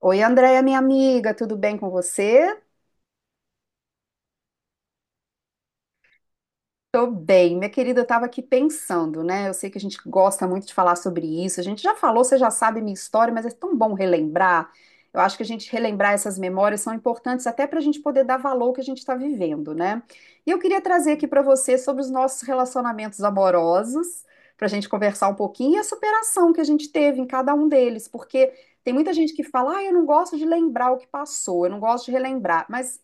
Oi, Andréia, minha amiga, tudo bem com você? Tô bem, minha querida, eu tava aqui pensando, né? Eu sei que a gente gosta muito de falar sobre isso. A gente já falou, você já sabe minha história, mas é tão bom relembrar. Eu acho que a gente relembrar essas memórias são importantes até para a gente poder dar valor ao que a gente está vivendo, né? E eu queria trazer aqui para você sobre os nossos relacionamentos amorosos, para a gente conversar um pouquinho e a superação que a gente teve em cada um deles, porque tem muita gente que fala, ah, eu não gosto de lembrar o que passou, eu não gosto de relembrar, mas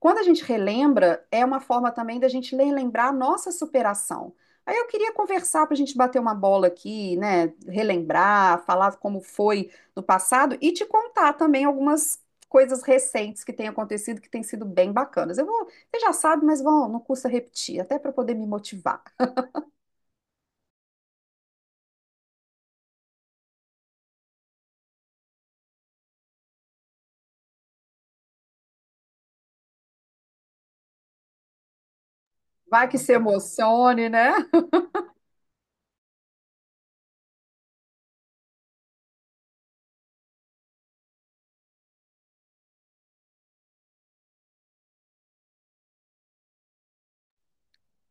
quando a gente relembra, é uma forma também da gente relembrar a nossa superação. Aí eu queria conversar para a gente bater uma bola aqui, né? Relembrar, falar como foi no passado e te contar também algumas coisas recentes que têm acontecido que têm sido bem bacanas. Eu vou, você já sabe, mas vão, não custa repetir, até para poder me motivar. Vai que se emocione, né?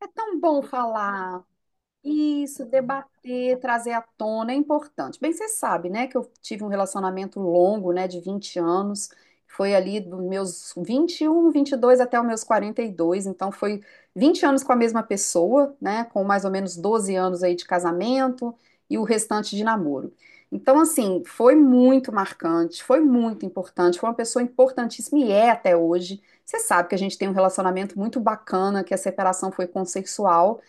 É tão bom falar. Isso, debater, trazer à tona é importante. Bem, você sabe, né, que eu tive um relacionamento longo, né, de 20 anos, foi ali dos meus vinte e um, 22 até os meus 42. Então foi 20 anos com a mesma pessoa, né, com mais ou menos 12 anos aí de casamento e o restante de namoro. Então, assim, foi muito marcante, foi muito importante, foi uma pessoa importantíssima e é até hoje. Você sabe que a gente tem um relacionamento muito bacana, que a separação foi consensual,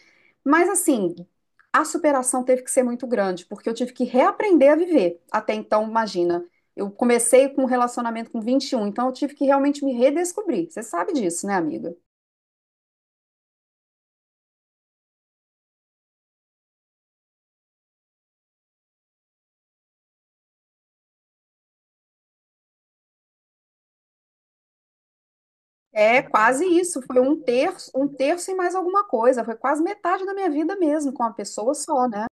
mas assim, a superação teve que ser muito grande, porque eu tive que reaprender a viver. Até então, imagina, eu comecei com um relacionamento com 21, então eu tive que realmente me redescobrir. Você sabe disso, né, amiga? É quase isso, foi um terço e mais alguma coisa, foi quase metade da minha vida mesmo, com uma pessoa só, né?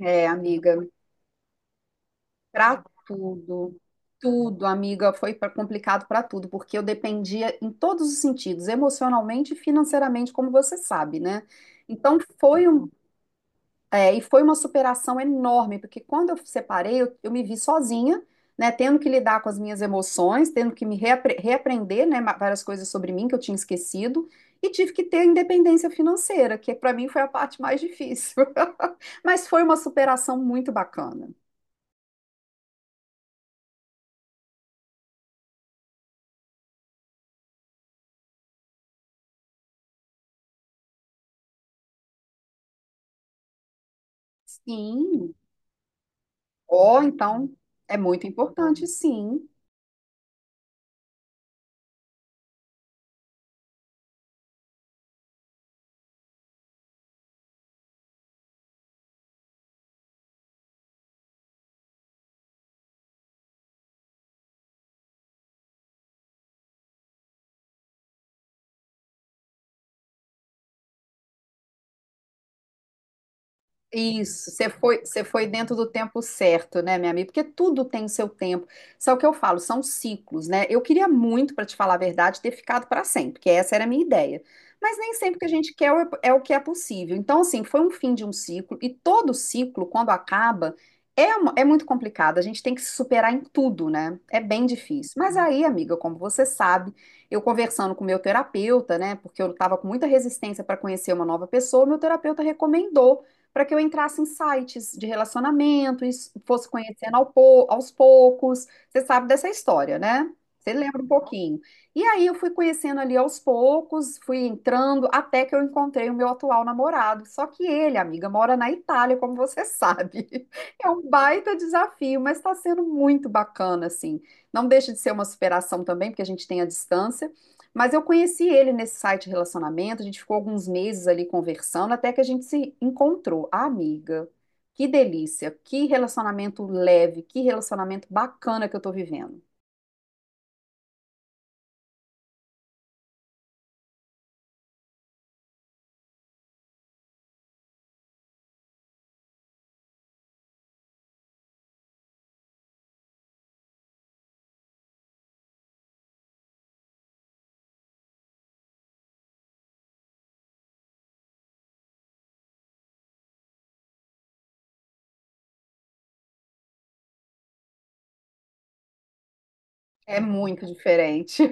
É, amiga, pra tudo, tudo, amiga, foi complicado pra tudo, porque eu dependia em todos os sentidos, emocionalmente e financeiramente, como você sabe, né? Então foi um. É, e foi uma superação enorme, porque quando eu separei, eu me vi sozinha, né, tendo que lidar com as minhas emoções, tendo que me reaprender, né, várias coisas sobre mim que eu tinha esquecido, e tive que ter independência financeira, que para mim foi a parte mais difícil. Mas foi uma superação muito bacana. Sim. Ó, então é muito importante, sim. Isso, você foi dentro do tempo certo, né, minha amiga? Porque tudo tem o seu tempo. Só que eu falo, são ciclos, né? Eu queria muito, para te falar a verdade, ter ficado para sempre, porque essa era a minha ideia. Mas nem sempre que a gente quer é o é o que é possível. Então, assim, foi um fim de um ciclo, e todo ciclo, quando acaba, é muito complicado. A gente tem que se superar em tudo, né? É bem difícil. Mas aí, amiga, como você sabe, eu conversando com o meu terapeuta, né? Porque eu estava com muita resistência para conhecer uma nova pessoa, meu terapeuta recomendou para que eu entrasse em sites de relacionamento, e fosse conhecendo aos poucos. Você sabe dessa história, né? Você lembra um pouquinho. E aí eu fui conhecendo ali aos poucos, fui entrando até que eu encontrei o meu atual namorado. Só que ele, amiga, mora na Itália, como você sabe. É um baita desafio, mas está sendo muito bacana, assim. Não deixa de ser uma superação também, porque a gente tem a distância. Mas eu conheci ele nesse site de relacionamento, a gente ficou alguns meses ali conversando, até que a gente se encontrou. Ah, amiga, que delícia, que relacionamento leve, que relacionamento bacana que eu tô vivendo. É muito diferente.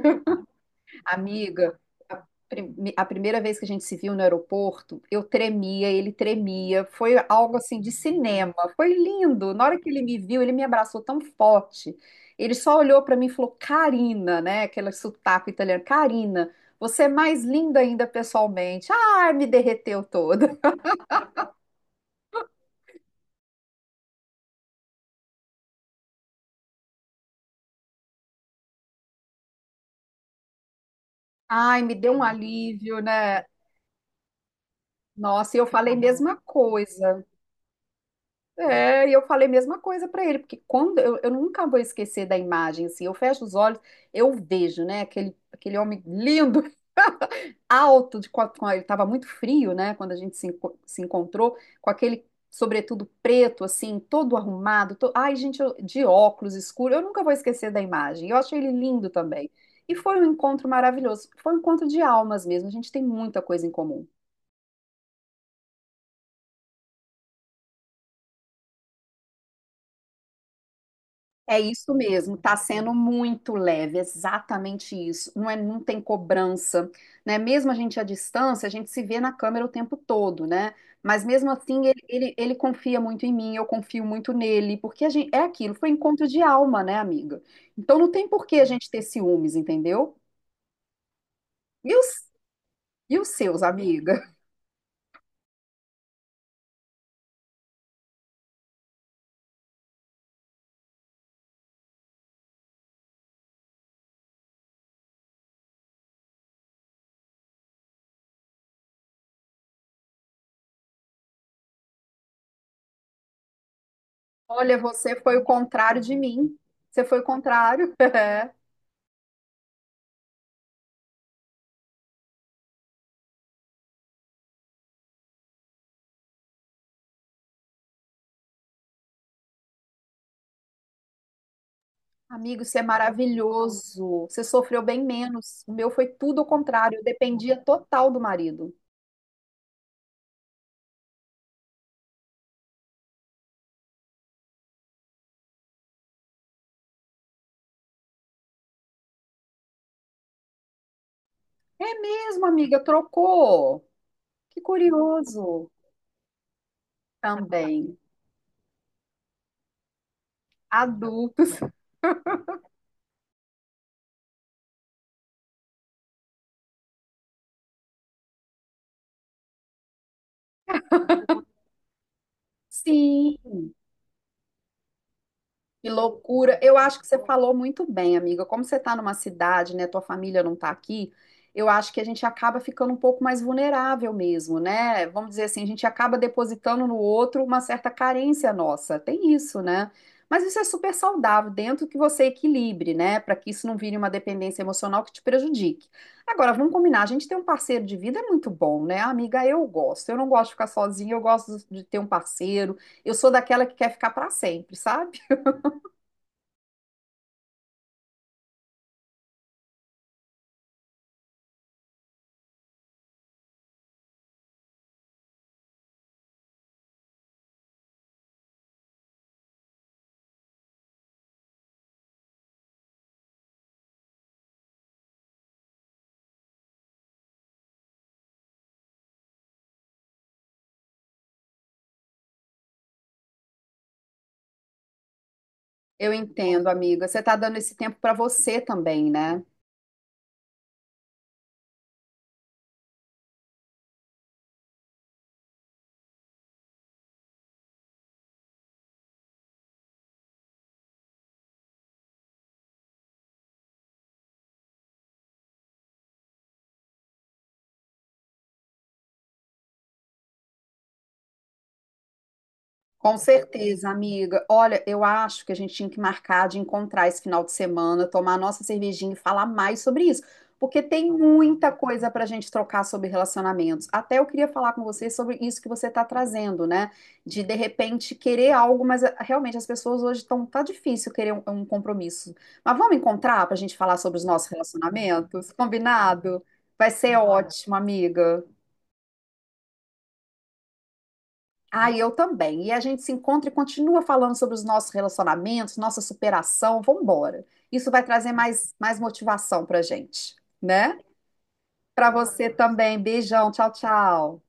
Amiga, a, a primeira vez que a gente se viu no aeroporto, eu tremia, ele tremia, foi algo assim de cinema, foi lindo. Na hora que ele me viu, ele me abraçou tão forte. Ele só olhou pra mim e falou: Karina, né? Aquele sotaque italiano, Karina, você é mais linda ainda pessoalmente. Ai, me derreteu toda. Ai, me deu um alívio, né? Nossa, e eu falei a mesma coisa. É, e eu falei a mesma coisa para ele, porque quando eu nunca vou esquecer da imagem, assim, eu fecho os olhos, eu vejo, né, aquele homem lindo, alto, de, quatro com ele estava muito frio, né, quando a gente se encontrou, com aquele sobretudo preto, assim, todo arrumado, ai, gente, de óculos escuro, eu nunca vou esquecer da imagem, eu achei ele lindo também. E foi um encontro maravilhoso, foi um encontro de almas mesmo, a gente tem muita coisa em comum. É isso mesmo, tá sendo muito leve, exatamente isso. Não é, não tem cobrança, né? Mesmo a gente à distância, a gente se vê na câmera o tempo todo, né? Mas mesmo assim, ele confia muito em mim, eu confio muito nele, porque a gente, é aquilo, foi encontro de alma, né, amiga? Então não tem por que a gente ter ciúmes, entendeu? E os, e os seus, amiga? Olha, você foi o contrário de mim. Você foi o contrário. Amigo, isso é maravilhoso. Você sofreu bem menos. O meu foi tudo o contrário. Eu dependia total do marido. É mesmo, amiga, trocou. Que curioso. Também. Adultos. Sim, que loucura. Eu acho que você falou muito bem, amiga. Como você está numa cidade, né? Tua família não está aqui, eu acho que a gente acaba ficando um pouco mais vulnerável mesmo, né? Vamos dizer assim, a gente acaba depositando no outro uma certa carência nossa. Tem isso, né? Mas isso é super saudável, dentro que você equilibre, né? Para que isso não vire uma dependência emocional que te prejudique. Agora, vamos combinar, a gente ter um parceiro de vida é muito bom, né? Amiga, eu gosto. Eu não gosto de ficar sozinha, eu gosto de ter um parceiro. Eu sou daquela que quer ficar para sempre, sabe? Eu entendo, amiga. Você está dando esse tempo para você também, né? Com certeza, amiga. Olha, eu acho que a gente tinha que marcar de encontrar esse final de semana, tomar nossa cervejinha e falar mais sobre isso, porque tem muita coisa para a gente trocar sobre relacionamentos. Até eu queria falar com você sobre isso que você está trazendo, né? De repente querer algo, mas ah, realmente as pessoas hoje estão tá difícil querer um compromisso. Mas vamos encontrar para a gente falar sobre os nossos relacionamentos, combinado? Vai ser ótimo, amiga. Ah, e eu também. E a gente se encontra e continua falando sobre os nossos relacionamentos, nossa superação. Vamos embora. Isso vai trazer mais motivação para gente, né? Para você também. Beijão. Tchau, tchau.